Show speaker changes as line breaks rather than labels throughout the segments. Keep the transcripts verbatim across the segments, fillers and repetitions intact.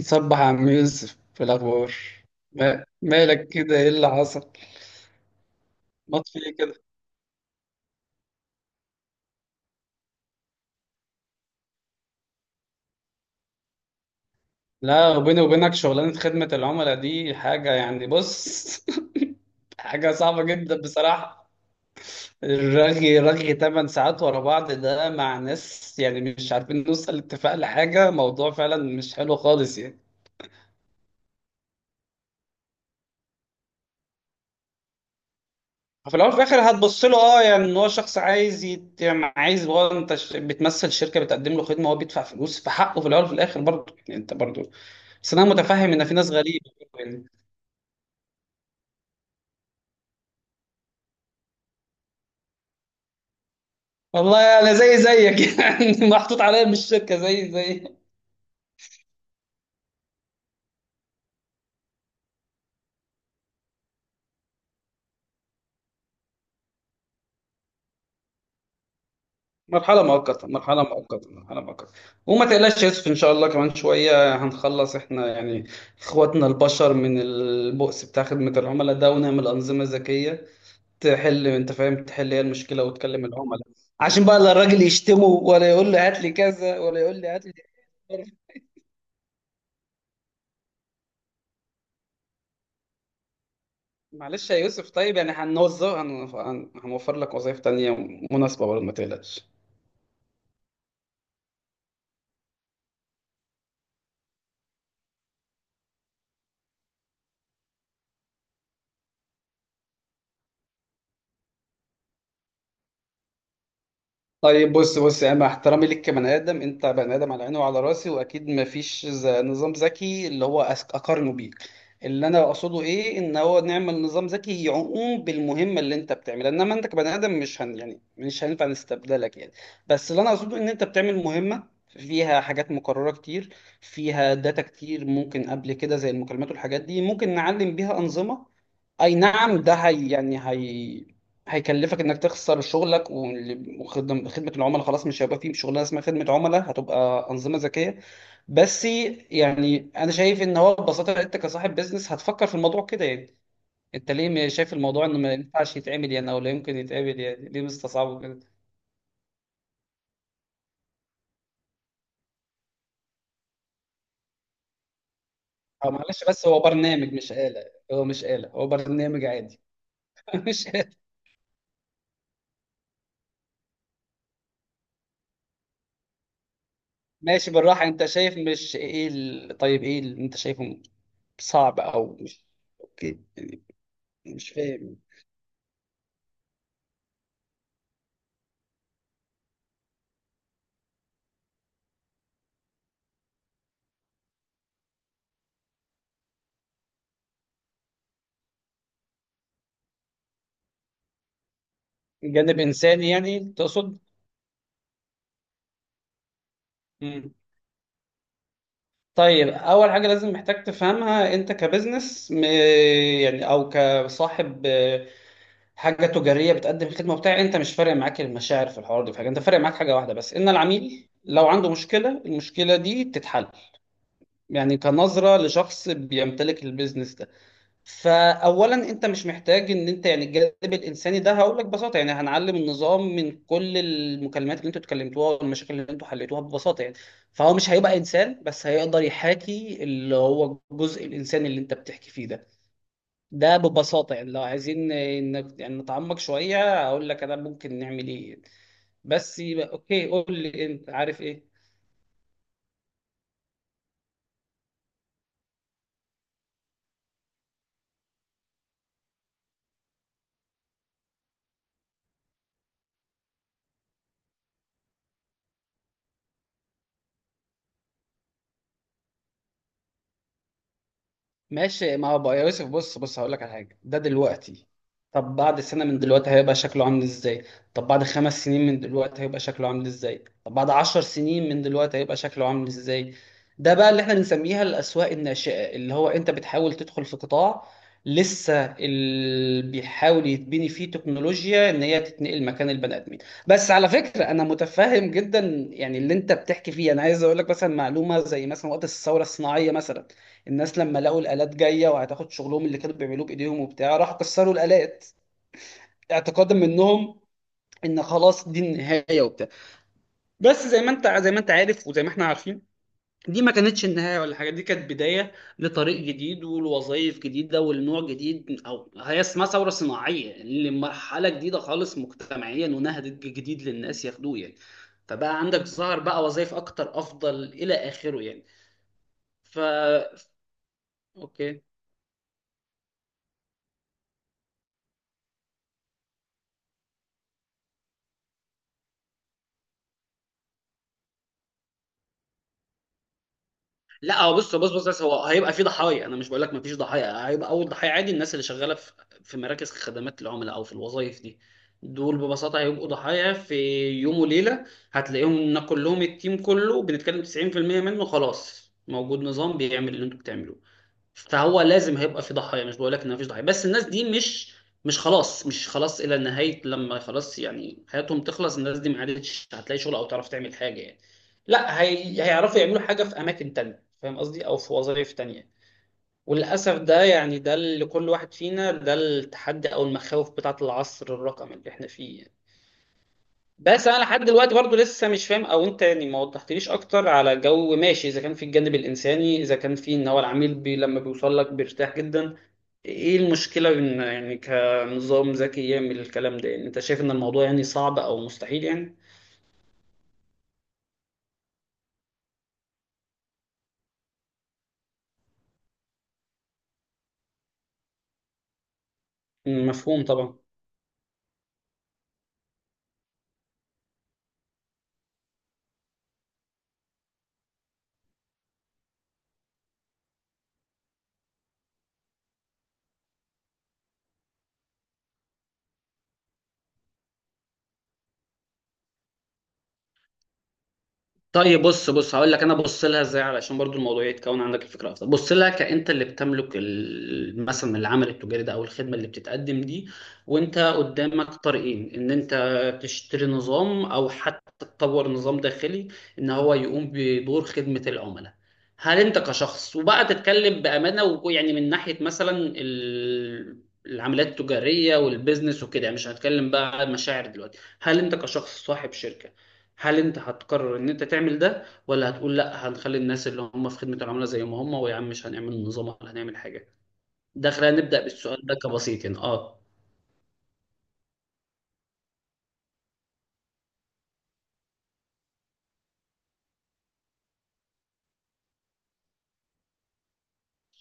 صبح يا عم يوسف في الأخبار. ما- مالك كده، إيه اللي حصل؟ مات في إيه كده؟ لا، وبيني وبينك شغلانة خدمة العملاء دي حاجة يعني بص، حاجة صعبة جدا بصراحة. الرغي رغي تمن ساعات ورا بعض ده مع ناس يعني مش عارفين نوصل لاتفاق لحاجة، موضوع فعلا مش حلو خالص يعني. في الأول وفي الآخر هتبص له، أه، يعني إن هو شخص عايز يت... يعني عايز، هو أنت ش- بتمثل شركة بتقدم له خدمة وهو بيدفع فلوس، فحقه في الأول وفي الآخر برضه، يعني أنت برضه. بس انا متفهم ان في ناس غريبه يعني. والله انا زي زيك يعني محطوط عليا من الشركه زي زي. مرحله مؤقته، مرحله مؤقته، مرحله مؤقته. وما تقلقش يا يوسف، ان شاء الله كمان شويه هنخلص احنا يعني اخواتنا البشر من البؤس بتاع خدمه العملاء ده، ونعمل انظمه ذكيه تحل، انت فاهم، تحل هي المشكله وتكلم العملاء. عشان بقى لا الراجل يشتمه ولا يقول له هات لي كذا ولا يقول لي هات لي. معلش يا يوسف، طيب يعني هنوظف هن- هن- هنوفر لك وظائف تانية مناسبة برضه، ما تقلقش. طيب بص بص، يعني مع احترامي ليك كبني ادم، انت بني ادم على عيني وعلى راسي، واكيد ما فيش نظام ذكي اللي هو أس- اقارنه بيك. اللي انا اقصده ايه، ان هو نعمل نظام ذكي يقوم بالمهمه اللي انت بتعملها، انما انت كبني ادم مش هن يعني مش هينفع نستبدلك يعني. بس اللي انا اقصده ان انت بتعمل مهمه فيها حاجات مكرره كتير، فيها داتا كتير ممكن قبل كده زي المكالمات والحاجات دي، ممكن نعلم بيها انظمه. اي نعم، ده هي يعني هي هيكلفك انك تخسر شغلك، وال- وخدم- خدمه العملاء خلاص مش هيبقى فيه شغلانه اسمها خدمه عملاء، هتبقى انظمه ذكيه بس. يعني انا شايف ان هو ببساطه انت كصاحب بيزنس هتفكر في الموضوع كده يعني. انت ليه ما شايف الموضوع انه ما ينفعش يتعمل يعني، او لا يمكن يتعمل، يعني ليه مستصعبه كده؟ أو معلش، بس هو برنامج مش آلة، هو مش آلة، هو برنامج عادي. مش آلة. ماشي بالراحه، انت شايف مش ايه ال... طيب ايه اللي انت شايفه صعب او مش؟ اوكي. يعني. مش فاهم. جانب انساني يعني تقصد؟ مم. طيب اول حاجه لازم محتاج تفهمها، انت كبزنس م- يعني او كصاحب، آه، حاجه تجاريه بتقدم خدمه وبتاع، انت مش فارق معاك المشاعر في الحوار ده، في حاجه انت فارق معاك، حاجه واحده بس، ان العميل لو عنده مشكله، المشكله دي تتحل. يعني كنظره لشخص بيمتلك البيزنس ده. فاولا انت مش محتاج ان انت يعني الجانب الانساني ده، هقول لك ببساطه يعني هنعلم النظام من كل المكالمات اللي انتوا اتكلمتوها والمشاكل اللي انتوا حليتوها، ببساطه يعني. فهو مش هيبقى انسان، بس هيقدر يحاكي اللي هو الجزء الانساني اللي انت بتحكي فيه ده. ده ببساطه يعني، لو عايزين إن- يعني نتعمق شويه، اقول لك انا ممكن نعمل ايه يعني. بس يبقى اوكي، قول لي انت عارف ايه. ماشي، ما هو بقى يا يوسف بص بص، هقول لك على حاجه ده دلوقتي. طب بعد سنه من دلوقتي هيبقى شكله عامل ازاي؟ طب بعد خمس سنين من دلوقتي هيبقى شكله عامل ازاي؟ طب بعد عشر سنين من دلوقتي هيبقى شكله عامل ازاي؟ ده بقى اللي احنا بنسميها الاسواق الناشئه، اللي هو انت بتحاول تدخل في قطاع لسه اللي بيحاول يتبني فيه تكنولوجيا ان هي تتنقل مكان البني ادمين. بس على فكره انا متفهم جدا يعني اللي انت بتحكي فيه. انا عايز اقول لك مثلا معلومه، زي مثلا وقت الثوره الصناعيه مثلا، الناس لما لقوا الآلات جاية وهتاخد شغلهم اللي كانوا بيعملوه بإيديهم وبتاع، راحوا كسروا الآلات اعتقادا منهم ان خلاص دي النهاية وبتاع. بس زي ما انت، زي ما انت عارف، وزي ما احنا عارفين، دي ما كانتش النهاية ولا حاجة، دي كانت بداية لطريق جديد ولوظائف جديدة ولنوع جديد، او هي اسمها ثورة صناعية، يعني لمرحلة جديدة خالص مجتمعيا ونهج جديد للناس ياخدوه يعني. فبقى عندك، ظهر بقى وظائف اكتر افضل الى اخره يعني. ف اوكي. لا هو بص بص بص، بس هو هيبقى في ضحايا، انا مش بقول لك ما فيش ضحايا، هيبقى اول ضحايا عادي الناس اللي شغاله في في مراكز خدمات العملاء او في الوظائف دي. دول ببساطه هيبقوا ضحايا في يوم وليله، هتلاقيهم ان كلهم، التيم كله بنتكلم تسعين في المية منه خلاص موجود نظام بيعمل اللي انتوا بتعملوه. فهو لازم هيبقى في ضحايا، مش بقول لك ان مفيش ضحايا، بس الناس دي مش، مش خلاص، مش خلاص الى نهايه لما خلاص يعني حياتهم تخلص، الناس دي ما عادتش هتلاقي شغل او تعرف تعمل حاجه يعني، لا هي... هيعرفوا يعملوا حاجه في اماكن تانية، فاهم قصدي، او في وظائف تانية. وللاسف ده يعني، ده اللي كل واحد فينا، ده التحدي او المخاوف بتاعه العصر الرقمي اللي احنا فيه يعني. بس انا لحد دلوقتي برضو لسه مش فاهم، او انت يعني ما وضحتليش اكتر على جو، ماشي اذا كان في الجانب الانساني، اذا كان في ان هو العميل بي لما بيوصل لك بيرتاح جدا، ايه المشكلة ان يعني كنظام ذكي يعمل الكلام ده؟ يعني انت شايف ان الموضوع يعني صعب او مستحيل يعني؟ مفهوم طبعا. طيب بص بص، هقول لك انا بص لها ازاي، علشان برضو الموضوع يتكون عندك الفكره افضل. بص، لها كانت اللي بتملك ال- مثلا العمل التجاري ده او الخدمه اللي بتتقدم دي، وانت قدامك طريقين، ان انت تشتري نظام او حتى تطور نظام داخلي ان هو يقوم بدور خدمه العملاء. هل انت كشخص، وبقى تتكلم بامانه، ويعني من ناحيه مثلا ال- العمليات التجاريه والبيزنس وكده يعني، مش هنتكلم بقى عن مشاعر دلوقتي، هل انت كشخص صاحب شركه هل انت هتقرر ان انت تعمل ده، ولا هتقول لا هنخلي الناس اللي هم في خدمة العملاء زي ما هم ويا عم مش هنعمل نظام ولا هنعمل حاجة؟ ده خلينا نبدأ بالسؤال ده كبسيط يعني، اه.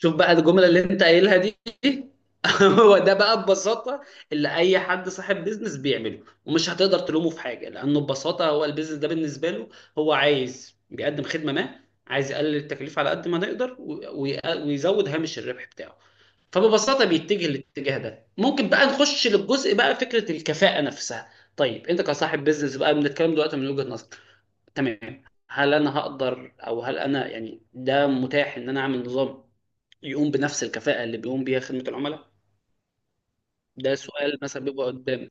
شوف بقى الجملة اللي انت قايلها دي، هو ده بقى ببساطة اللي أي حد صاحب بيزنس بيعمله، ومش هتقدر تلومه في حاجة، لأنه ببساطة هو البيزنس ده بالنسبة له، هو عايز بيقدم خدمة ما، عايز يقلل التكلفة على قد ما نقدر، و- وي- ويزود هامش الربح بتاعه. فببساطة بيتجه للاتجاه ده. ممكن بقى نخش للجزء بقى فكرة الكفاءة نفسها. طيب انت كصاحب بيزنس بقى، بنتكلم دلوقتي من وجهة نظرك، تمام، هل انا هقدر، او هل انا يعني ده متاح ان انا اعمل نظام يقوم بنفس الكفاءة اللي بيقوم بيها خدمة العملاء؟ ده سؤال مثلا بيبقى قدامي.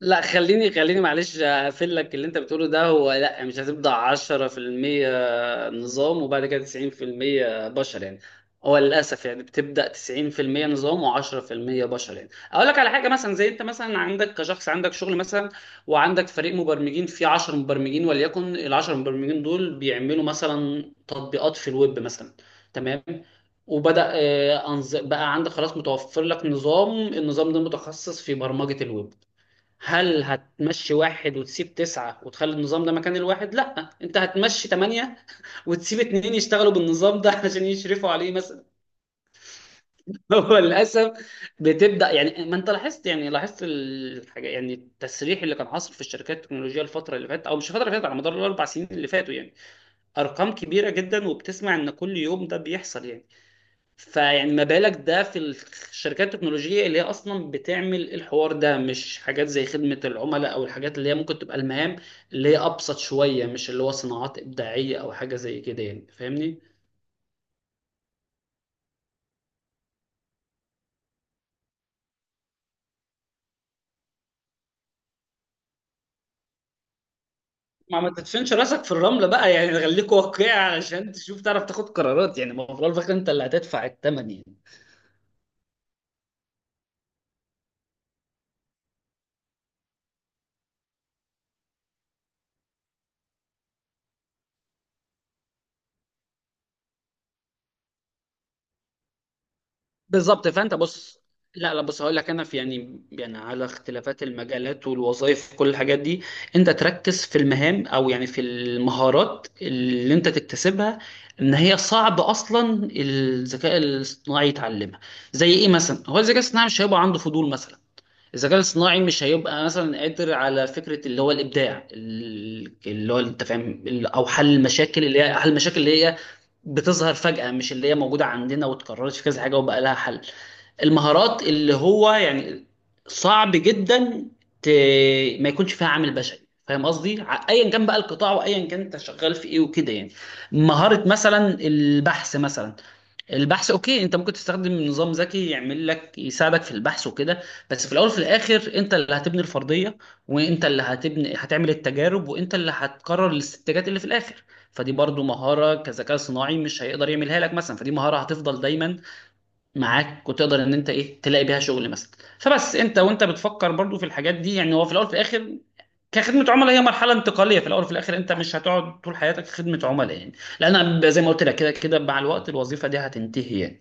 لا خليني خليني، معلش هقفل لك اللي انت بتقوله ده، هو لا مش هتبدأ عشرة في المية نظام وبعد كده تسعين في المية بشر يعني، هو للأسف يعني بتبدأ تسعين في المية نظام وعشرة في المية بشر يعني. أقول لك على حاجة، مثلا زي أنت مثلا عندك كشخص، عندك شغل مثلا، وعندك فريق مبرمجين فيه عشرة مبرمجين، وليكن ال عشرة مبرمجين دول بيعملوا مثلا تطبيقات في الويب مثلا، تمام؟ وبدأ، آه، أنظ- بقى عندك خلاص متوفر لك نظام، النظام ده متخصص في برمجة الويب. هل هتمشي واحد وتسيب تسعة وتخلي النظام ده مكان الواحد؟ لا، انت هتمشي تمانية وتسيب اتنين يشتغلوا بالنظام ده علشان يشرفوا عليه مثلا. هو للأسف بتبدأ يعني، ما انت لاحظت يعني، لاحظت الحاجة يعني، التسريح اللي كان حاصل في الشركات التكنولوجية الفترة اللي فاتت، أو مش الفترة اللي فاتت، على مدار الأربع سنين اللي فاتوا يعني، أرقام كبيرة جدا، وبتسمع إن كل يوم ده بيحصل يعني. فيعني ما بالك ده في الشركات التكنولوجية اللي هي أصلا بتعمل الحوار ده، مش حاجات زي خدمة العملاء أو الحاجات اللي هي ممكن تبقى المهام اللي هي أبسط شوية، مش اللي هو صناعات إبداعية أو حاجة زي كده يعني، فاهمني؟ ما ما تدفنش راسك في الرملة بقى يعني، خليك واقعي علشان تشوف، تعرف تاخد قرارات، يعني ما هو في الأول وفي الآخر أنت اللي هتدفع الثمن يعني. بالظبط. فانت بص، لا لا بص، هقول لك، انا في يعني يعني على اختلافات المجالات والوظائف كل الحاجات دي، انت تركز في المهام او يعني في المهارات اللي انت تكتسبها، ان هي صعب اصلا الذكاء الاصطناعي يتعلمها. زي ايه مثلا؟ هو الذكاء الاصطناعي مش هيبقى عنده فضول مثلا، الذكاء الاصطناعي مش هيبقى مثلا قادر على فكرة اللي هو الإبداع ال- اللي هو، انت فاهم، ال- أو حل المشاكل، اللي هي حل المشاكل اللي هي بتظهر فجأة، مش اللي هي موجودة عندنا واتكررت في كذا حاجة وبقى لها حل. المهارات اللي هو يعني صعب جدا ت... ما يكونش فيها عامل بشري، فاهم قصدي؟ ع- ايا كان بقى القطاع، وايا كان انت شغال في ايه وكده يعني. مهارة مثلا البحث مثلا، البحث اوكي انت ممكن تستخدم نظام ذكي يعمل لك، يساعدك في البحث وكده، بس في الاول وفي الاخر انت اللي هتبني الفرضية، وانت اللي هتبني هتعمل التجارب، وانت اللي هتقرر الاستنتاجات اللي في الاخر. فدي برضو مهارة كذكاء صناعي مش هيقدر يعملها لك مثلا، فدي مهارة هتفضل دايما معاك، وتقدر ان انت ايه تلاقي بيها شغل مثلا. فبس انت وانت بتفكر برضو في الحاجات دي يعني، هو في الاول في الاخر كخدمة عملاء هي مرحلة انتقالية، في الأول وفي الآخر أنت مش هتقعد طول حياتك خدمة عملاء يعني، لأن أنا زي ما قلت لك كده كده مع الوقت الوظيفة دي هتنتهي يعني.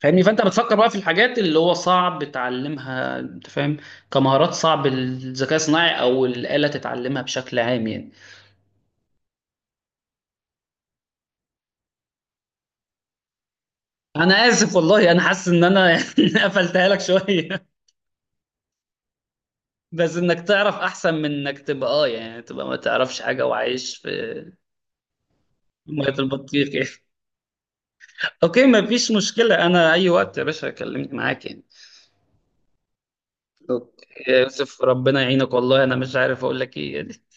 فاهمني؟ فأنت بتفكر بقى في الحاجات اللي هو صعب تعلمها، أنت فاهم، كمهارات صعب الذكاء الصناعي أو الآلة تتعلمها بشكل عام يعني. أنا آسف والله، أنا حاسس إن أنا يعني قفلتها لك شوية، بس انك تعرف احسن من انك تبقى، اه يعني، تبقى ما تعرفش حاجه وعايش في ميه البطيخ يعني. اوكي، ما فيش مشكله، انا اي وقت يا باشا كلمني معاك يعني. اوكي يا يوسف، ربنا يعينك، والله انا مش عارف اقول لك ايه.